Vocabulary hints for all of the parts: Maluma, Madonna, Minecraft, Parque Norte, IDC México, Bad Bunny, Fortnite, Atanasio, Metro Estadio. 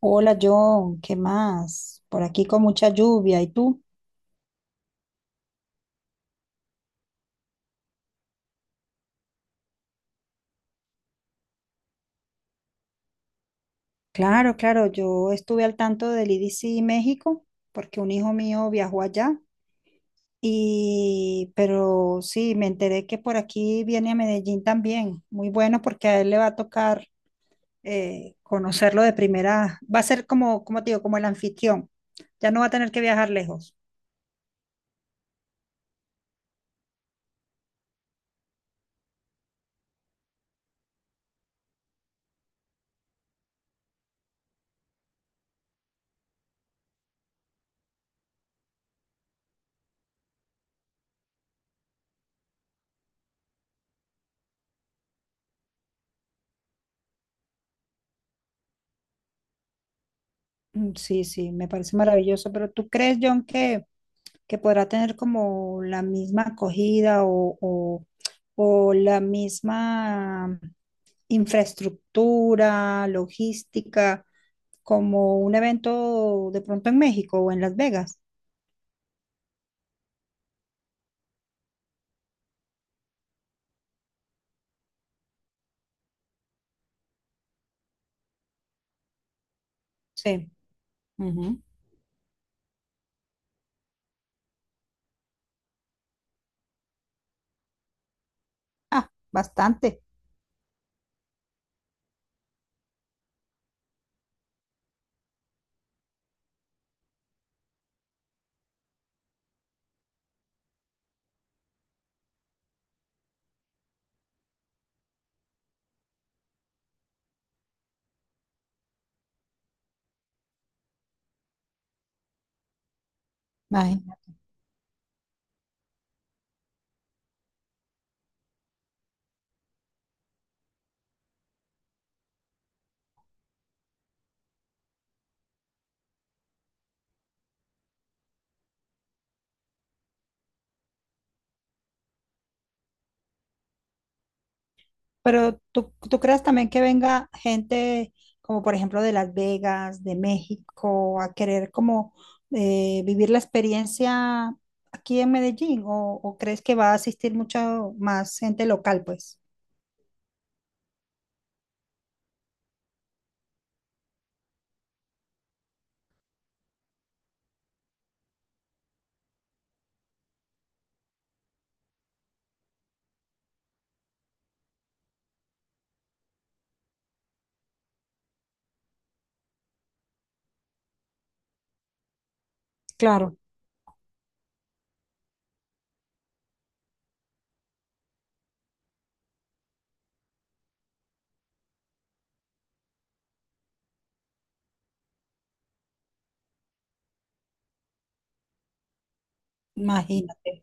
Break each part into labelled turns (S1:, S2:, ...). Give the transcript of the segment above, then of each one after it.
S1: Hola John, ¿qué más? Por aquí con mucha lluvia, ¿y tú? Claro, claro, yo estuve al tanto del IDC México porque un hijo mío viajó allá y pero sí, me enteré que por aquí viene a Medellín también. Muy bueno porque a él le va a tocar conocerlo de primera. Va a ser como, como te digo, como el anfitrión. Ya no va a tener que viajar lejos. Mm, sí, sí, me parece maravilloso, pero ¿tú crees, John, que podrá tener como la misma acogida o o- la misma infraestructura, logística, como un evento de pronto en México o en Las Vegas? Sí. Ujú. Ah, bastante. Imagi- Pero tú crees también que venga gente como por ejemplo de Las Vegas, de México, a querer como vivir la experiencia aquí en Medellín o crees que va a asistir mucho más gente local, pues. Claro. Imagínate.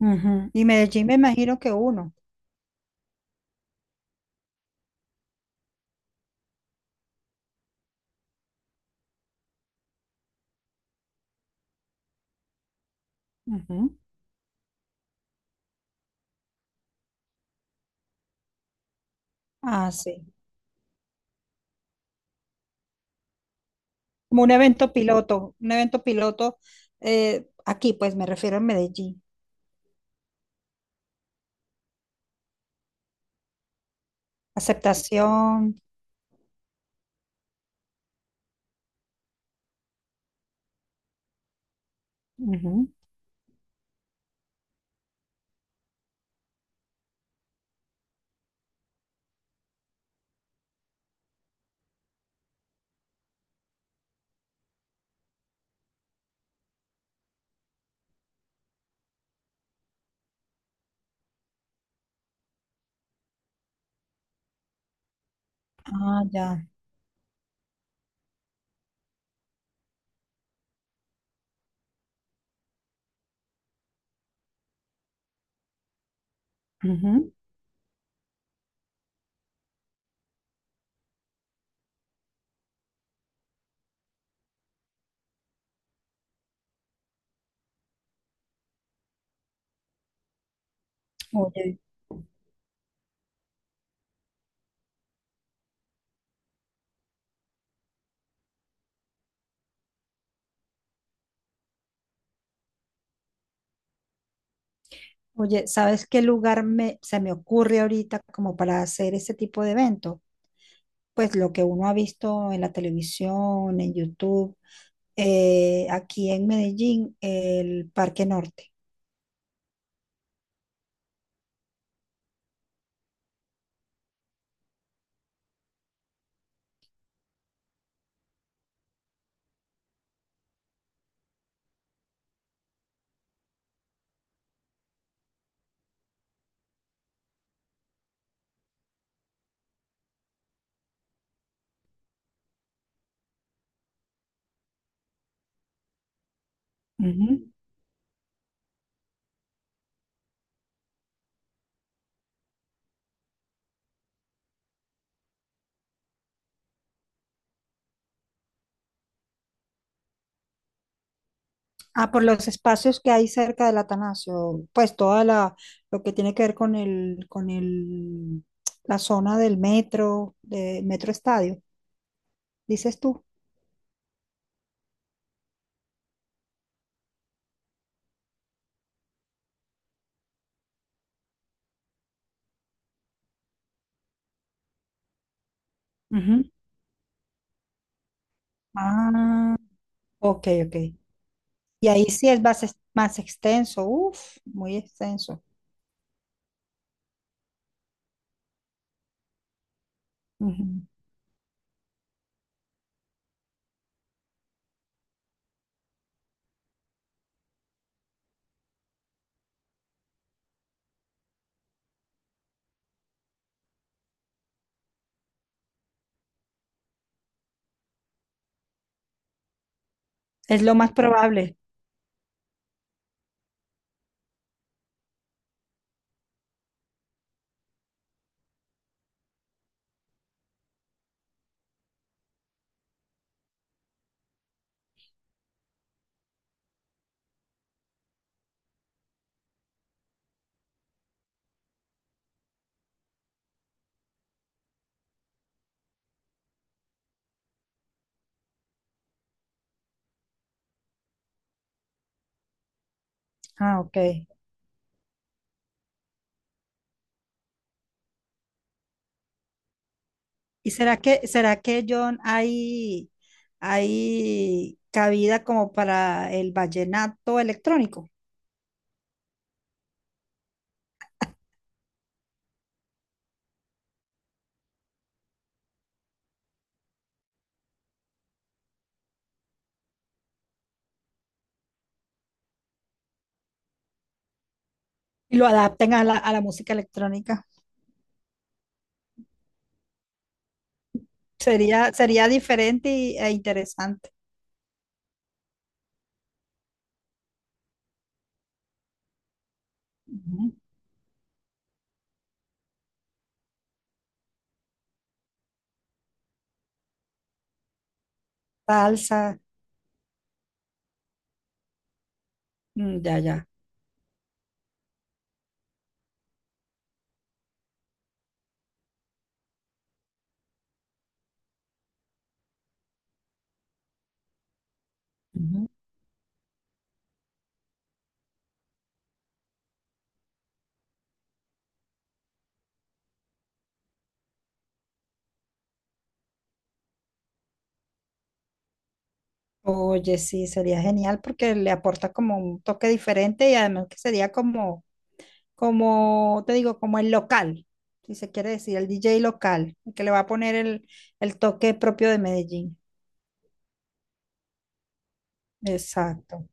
S1: Ujú. Y Medellín me imagino que uno. Ujú. Ah, sí. Como un evento piloto aquí, pues me refiero en Medellín. Aceptación. Ujú. Ah, ya. Ujú. Oye. Oye, ¿sabes qué lugar se me ocurre ahorita como para hacer ese tipo de evento? Pues lo que uno ha visto en la televisión, en YouTube, aquí en Medellín, el Parque Norte. Ujú. Ah, por los espacios que hay cerca del Atanasio, pues toda lo que tiene que ver con con el la zona del metro, de Metro Estadio, dices tú. Ujú. Ah, ok, ok. Y ahí sí es más, más extenso, uff, muy extenso. Ujú. Es lo más probable. Ah, ok. ¿Y será que, John, hay cabida como para el vallenato electrónico? Y lo adapten a a la música electrónica. Sería, sería diferente e interesante. Ujú. Salsa, mm, ya, ya. Ujú. Oye, sí, sería genial porque le aporta como un toque diferente y además que sería como, como te digo, como el local, si se quiere decir, el DJ local, el que le va a poner el toque propio de Medellín. Exacto.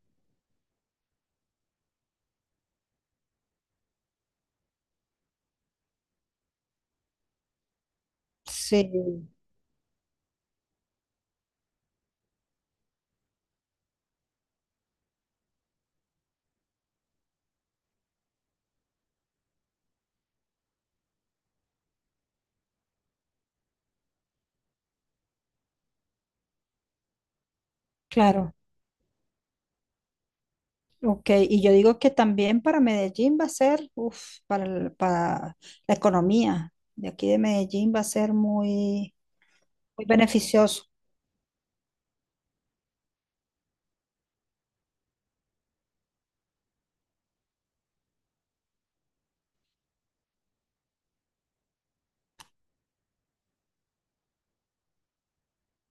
S1: Sí, claro. Ok, y yo digo que también para Medellín va a ser, uf, para la economía de aquí de Medellín va a ser muy, muy beneficioso.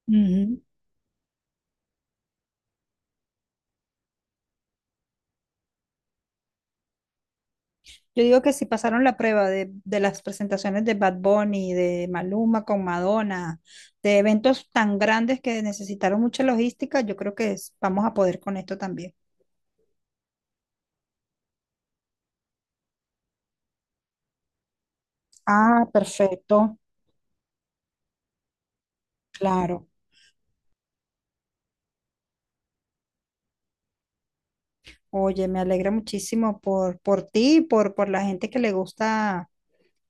S1: Ujú. Yo digo que si pasaron la prueba de las presentaciones de Bad Bunny, de Maluma con Madonna, de eventos tan grandes que necesitaron mucha logística, yo creo que vamos a poder con esto también. Ah, perfecto, claro. Oye, me alegra muchísimo por ti, y por la gente que le gusta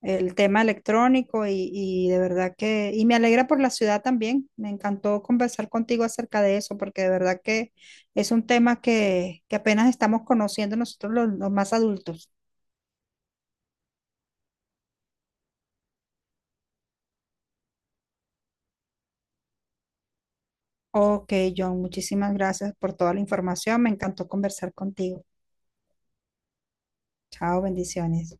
S1: el tema electrónico y de verdad que, y me alegra por la ciudad también. Me encantó conversar contigo acerca de eso porque de verdad que es un tema que apenas estamos conociendo nosotros los más adultos. Ok, John, muchísimas gracias por toda la información. Me encantó conversar contigo. Chao, bendiciones.